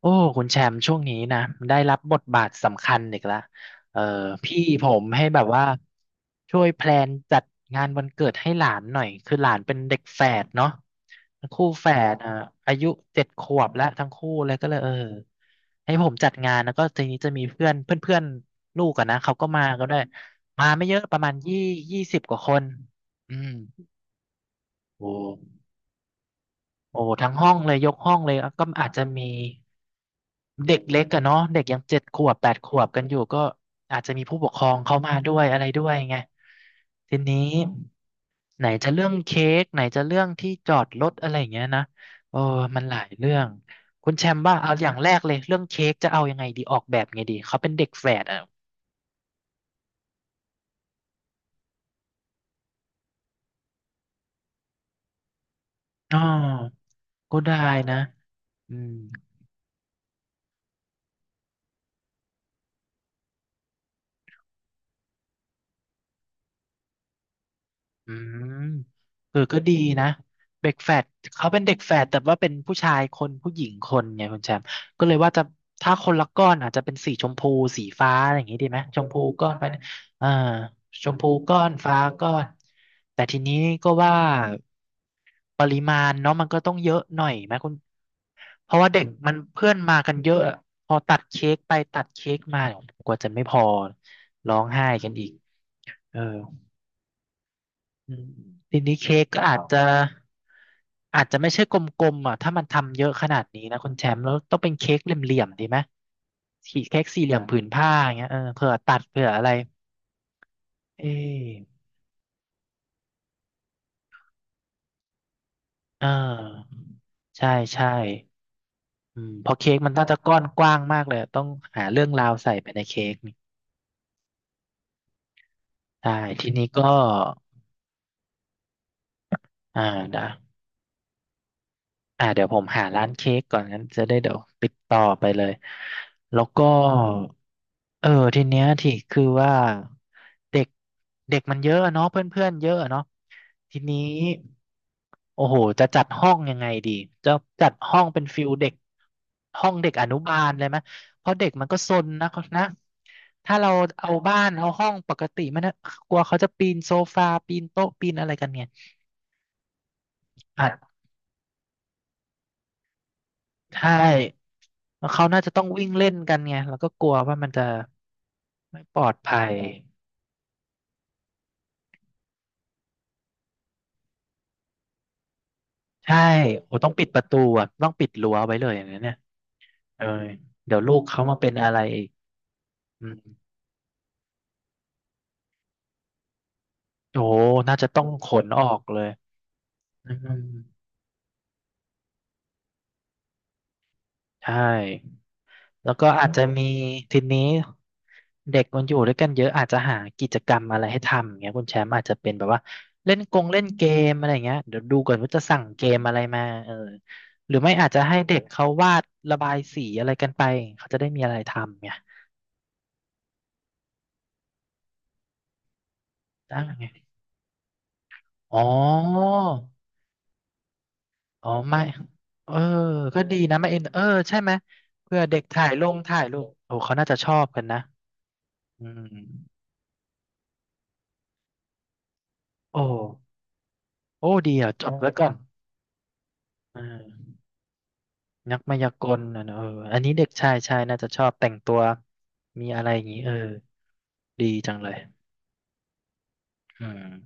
โอ้ คุณแชมป์ช่วงนี้นะได้รับบทบาทสำคัญอีกแล้วเออพี่ผมให้แบบว่าช่วยแพลนจัดงานวันเกิดให้หลานหน่อย คือหลานเป็นเด็กแฝดเนาะคู่แฝดอ่ะอายุเจ็ดขวบแล้วทั้งคู่เลยก็เลยเออให้ผมจัดงานแล้วก็ทีนี้จะมีเพื่อนเพื่อนเพื่อนลูกอะนะเขาก็มาก็ได้วยมาไม่เยอะประมาณยี่สิบกว่าคนอืมโอ้ โอ้ทั้งห้องเลยยกห้องเลยอ่ะก็อาจจะมีเด็กเล็กอะเนาะเด็กยัง7 ขวบ 8 ขวบกันอยู่ก็อาจจะมีผู้ปกครองเข้ามาด้วยอะไรด้วยไงทีนี้ไหนจะเรื่องเค้กไหนจะเรื่องที่จอดรถอะไรอย่างเงี้ยนะโอ้มันหลายเรื่องคุณแชมป์ว่าเอาอย่างแรกเลยเรื่องเค้กจะเอายังไงดีออกแบบไงดีเขาเป็นเด็กแฝดอ่ะอ๋อก็ได้นะอืม อืมเออก็ดีนะเด็กแฝดเขาเป็นเด็กแฝดแต่ว่าเป็นผู้ชายคนผู้หญิงคนไงคุณแชมป์ก็เลยว่าจะถ้าคนละก้อนอาจจะเป็นสีชมพูสีฟ้าอะไรอย่างงี้ดีไหมชมพูก้อนไปอ่าชมพูก้อนฟ้าก้อนแต่ทีนี้ก็ว่าปริมาณเนาะมันก็ต้องเยอะหน่อยไหมคุณเพราะว่าเด็กมันเพื่อนมากันเยอะอะพอตัดเค้กไปตัดเค้กมากว่าจะไม่พอร้องไห้กันอีกเออ อืมทีนี้เค้กก็อาคจรับจะอาจจะไม่ใช่กลมๆอ่ะถ้ามันทำเยอะขนาดนี้นะคุณแชมป์แล้วต้องเป็นเค้กเหลี่ยมๆดีไหมขีดเค้กสี่เหลี่ยมอผืนผ้าอย่างเงี้ยเออเผื่อตัดเผื่ออะไรเออเออใช่ใช่อืมเพอเค้กมันน่าจะก้อนกว้างมากเลยต้องหาเรื่องราวใส่ไปในเค้กนี่ใช่ทีนี้ก็อ่าได้ อ่าเดี๋ยวผมหาร้านเค้กก่อนงั้นจะได้เดี๋ยวติดต่อไปเลยแล้วก็เออทีเนี้ยที่คือว่าเด็กเด็กมันเยอะอะเนาะเพื่อนเพื่อนเยอะอะเนาะทีนี้โอ้โหจะจัดห้องยังไงดีจะจัดห้องเป็นฟิลเด็กห้องเด็กอนุบาลเลยไหมเพราะเด็กมันก็ซนนะเขานะถ้าเราเอาบ้านเอาห้องปกติมันนะกลัวเขาจะปีนโซฟาปีนโต๊ะปีนอะไรกันเนี่ย ใช่แล้วเขาน่าจะต้องวิ่งเล่นกันไง แล้วก็กลัวว่ามันจะไม่ปลอดภัย ใช่โอ้ต้องปิดประตูอ่ะต้องปิดรั้วไว้เลยอย่างนั้นเนี่ยเออเดี๋ยวลูกเขามาเป็นอะไรอีกอืมโอ้น่าจะต้องขนออกเลยอืมใช่ แล้วก็อาจจะมีทีนี้เด็กมันอยู่ด้วยกันเยอะอาจจะหากิจกรรมอะไรให้ทำอย่างเงี้ยคุณแชมป์อาจจะเป็นแบบว่าเล่นกงเล่นเกมอะไรอย่างเงี้ยเดี๋ยวดูก่อนว่าจะสั่งเกมอะไรมาเออหรือไม่อาจจะให้เด็กเขาวาดระบายสีอะไรกันไปเขาจะได้มีอะไรทำไงได้ไงอ๋ออ๋อไม่เออก็ดีนะไม่เอ็นเออใช่ไหมเพื่อเด็กถ่ายลงถ่ายรูปโอ้เขาน่าจะชอบกันนะอืมโอ้โอ้ดีอ่ะจดไว้ก่อนเออ นักมายากลนะเนอะเอออันนี้เด็กชายชายน่าจะชอบแต่งตัวมีอะไรอย่างนี้เออดีจังเลยอืม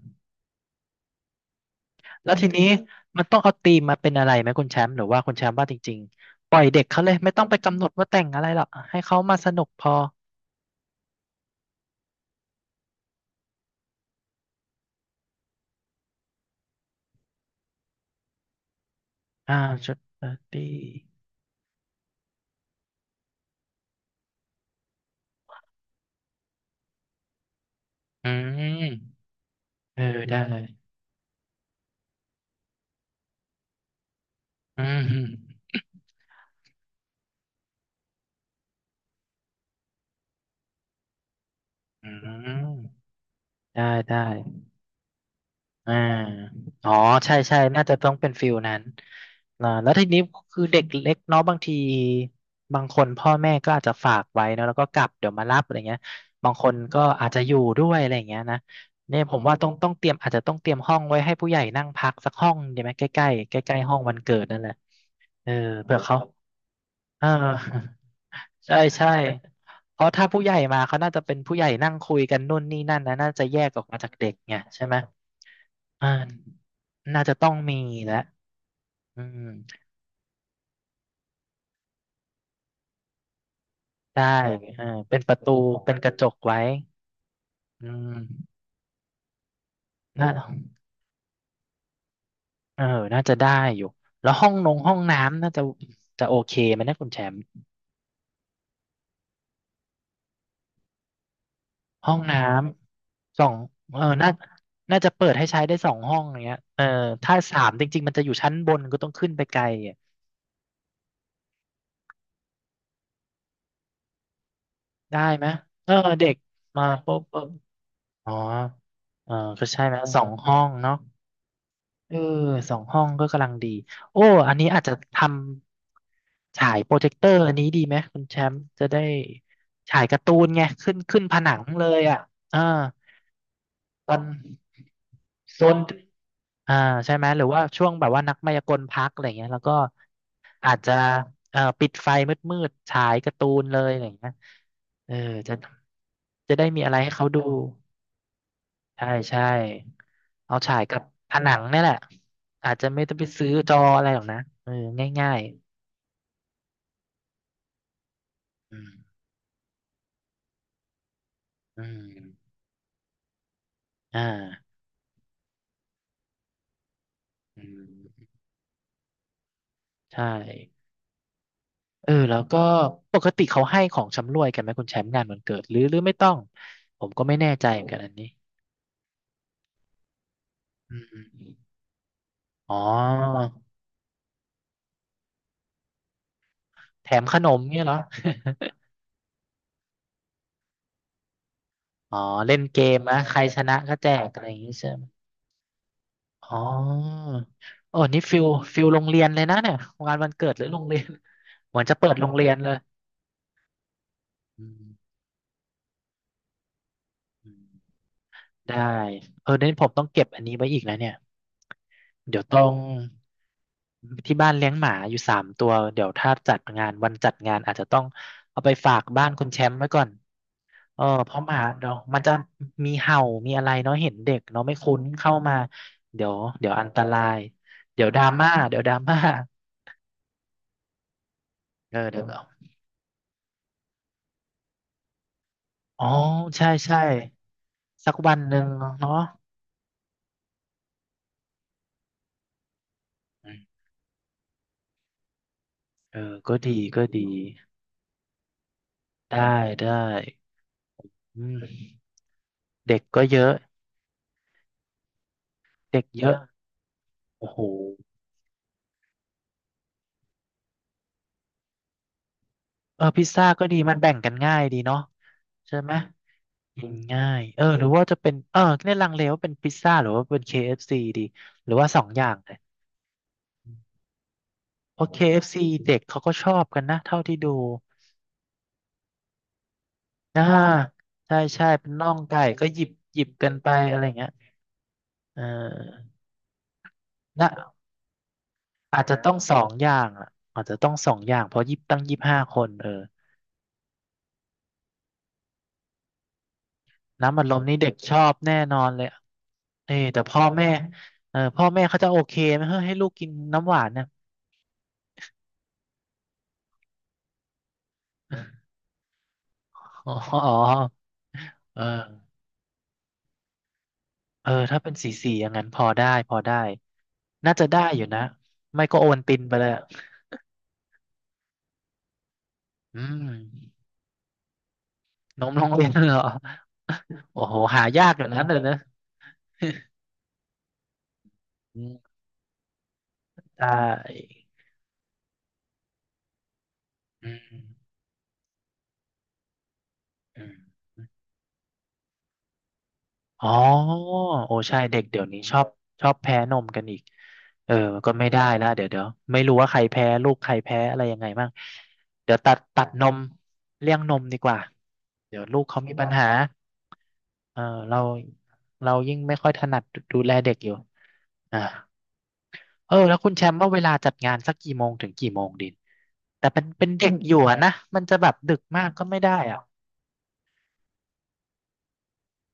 แล้วทีนี้มมันต้องเอาธีมมาเป็นอะไรไหมคุณแชมป์หรือว่าคุณแชมป์ว่าจริงๆปล่อยเด็กเขาเลยไม่ต้องไปกำหนดว่าแต่งอะไรหรอกให้เขามาสนุกพออ่าชุดปาร์ตี้อืมเออได้อืมอืมได้ได้ อ่าอ๋อใช่ใช่น่าจะต้องเป็นฟิลนั้นอ่าแล้วทีนี้คือเด็กเล็กเนาะบางทีบางคนพ่อแม่ก็อาจจะฝากไว้เนอะแล้วก็กลับเดี๋ยวมารับอะไรเงี้ยบางคนก็อาจจะอยู่ด้วยอะไรอย่างเงี้ยนะเนี่ยผมว่าต้องเตรียมอาจจะต้องเตรียมห้องไว้ให้ผู้ใหญ่นั่งพักสักห้องดีไหมใกล้ใกล้ใกล้ๆใกล้ๆห้องวันเกิดนั่นแหละเออเผื่อเขาเออ ใช่ใช่เพราะถ้าผู้ใหญ่มาเขาน่าจะเป็นผู้ใหญ่นั่งคุยกันนู่นนี่นั่นนะน่าจะแยกออกมาจากเด็กไงใช่ไหมอ่าน่าจะต้องมีแล้วอืมได้เออเป็นประตูเป็นกระจกไว้อืมน่าเออน่าจะได้อยู่แล้วห้องนงห้องน้ำน่าจะจะโอเคไหมนะคุณแชมป์ห้องน้ำสองเออน่าน่าจะเปิดให้ใช้ได้2 ห้องอย่างเงี้ยเออถ้าสามจริงๆมันจะอยู่ชั้นบนก็ต้องขึ้นไปไกล ได้ไหมเออเด็กมาปุ๊บเอออ๋อเออก็ใช่ไหมสองห้องเนาะเออสองห้องก็กำลังดีโอ้อันนี้อาจจะทำฉายโปรเจคเตอร์อันนี้ดีไหมคุณแชมป์จะได้ฉายการ์ตูนไงขึ้นขึ้นผนังเลยอ่ะอ่าตอนโซนอ่าใช่ไหมหรือว่าช่วงแบบว่านักมายากลพักอะไรเงี้ยแล้วก็อาจจะปิดไฟมืดๆฉายการ์ตูนเลยอะไรเงี้ยเออจะจะได้มีอะไรให้เขาดู ใช่ใช่เอาฉายกับผนังนี่แหละอาจจะไม่ต้องไปซื้อจออะไรหรอกนะเออง่ายๆอืมอืมอ่าอืมใช่เออแล้วก็ปกติเขาให้ของชำร่วยกันไหมคุณแชมป์งานวันเกิดหรือหรือไม่ต้องผมก็ไม่แน่ใจเหมือนกันอันนี้อืมอืมอมอ๋อแถมขนมเนี่ยเหรออ๋อเล่นเกมนะใครชนะก็แจกอะไรอย่างงี้ใช่ไหมอ๋อโอ้นี่ฟิลฟิลโรงเรียนเลยนะเนี่ยงานวันเกิดหรือโรงเรียนเหมือนจะเปิดโรงเรียนเลย อืมอืมได้เออเนี่ผมต้องเก็บอันนี้ไว้อีกแล้วเนี่ยเดี๋ยวต้องที่บ้านเลี้ยงหมาอยู่สามตัวเดี๋ยวถ้าจัดงานวันจัดงานอาจจะต้องเอาไปฝากบ้านคุณแชมป์ไว้ก่อนเออเพราะหมาเนาะมันจะมีเห่ามีอะไรเนาะเห็นเด็กเนาะไม่คุ้นเข้ามาเดี๋ยวเดี๋ยวอันตรายเดี๋ยวดราม่าเดี๋ยวดราม่าเออเดี๋ยวอ๋อใช่ใช่สักวันหนึ่งเนาะอืมเออก็ดีก็ดีได้ได้อืม เด็กก็เยอะเด็กเยอะโอ้โหเออพิซซ่าก็ดีมันแบ่งกันง่ายดีเนาะใช่ไหมกินง่ายเออหรือว่าจะเป็นเออเนี่ยลังเลว่าเป็นพิซซ่าหรือว่าเป็นเคเอฟซีดีหรือว่าสองอย่างเลยเพราะเคเอฟซีเด็กเขาก็ชอบกันนะเท่าที่ดูอ่าใช่ใช่เป็นน่องไก่ก็หยิบหยิบกันไปอะไรเงี้ยเออนะอาจจะต้องสองอย่างอ่ะอาจจะต้องสองอย่างเพราะยิบตั้งยี่สิบห้าคนเออ น้ำอัดลมนี่เด็กชอบแน่นอนเลยอะเออแต่พ่อแม่เออพ่อแม่เขาจะโอเคไหมเฮ้ยให้ลูกกินน้ำหวานเนี่ยอ๋ออ๋อเออเออถ้าเป็นสีสีอย่างนั้นพอได้พอได้น่าจะได้อยู่นะไม่ก็โอวัลตินไปเลยอะอืมนมโรงเรียนเหรอโอ้โหหายากอยู่นะเดี๋ยวนะอืมได้อืมอืม อ๋อโอ้ใช่เด็กเดี๋ยวนี้ชอบชอบแพ้นมกันอีกเออก็ไม่ได้ละเดี๋ยวเดี๋ยวไม่รู้ว่าใครแพ้ลูกใครแพ้อะไรยังไงบ้างเดี๋ยวตัดตัดนมเลี่ยงนมดีกว่าเดี๋ยวลูกเขามีปัญหาเออเราเรายิ่งไม่ค่อยถนัดดูแลเด็กอยู่อ่าเออแล้วคุณแชมป์ว่าเวลาจัดงานสักกี่โมงถึงกี่โมงดินแต่เป็นเป็นเด็กอยู่อะนะมันจะแบบดึกมากก็ไม่ได้อ่ะ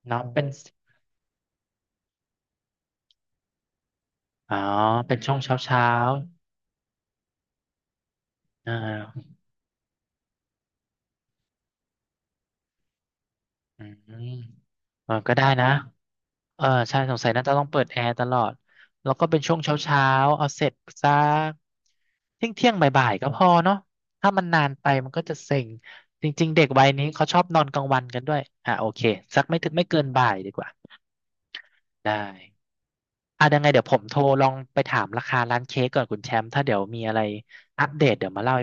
เนาะเป็นอ๋อเป็นช่วงเช้าเช้าอ่า อืมเออก็ได้นะเออใช่สงสัยน่าจะต้องเปิดแอร์ตลอดแล้วก็เป็นช่วงเช้าเช้าเอาเสร็จสักเที่ยงเที่ยงบ่ายๆก็พอเนาะถ้ามันนานไปมันก็จะเซ็งจริงๆเด็กวัยนี้เขาชอบนอนกลางวันกันด้วยอ่ะโอเคสักไม่ถึงไม่เกินบ่ายดีกว่าได้อ่ะยังไงเดี๋ยวผมโทรลองไปถามราคาร้านเค้กก่อนคุณแชมป์ถ้าเดี๋ยวมีอะไรอ่ะเดี๋ยวมาเล่า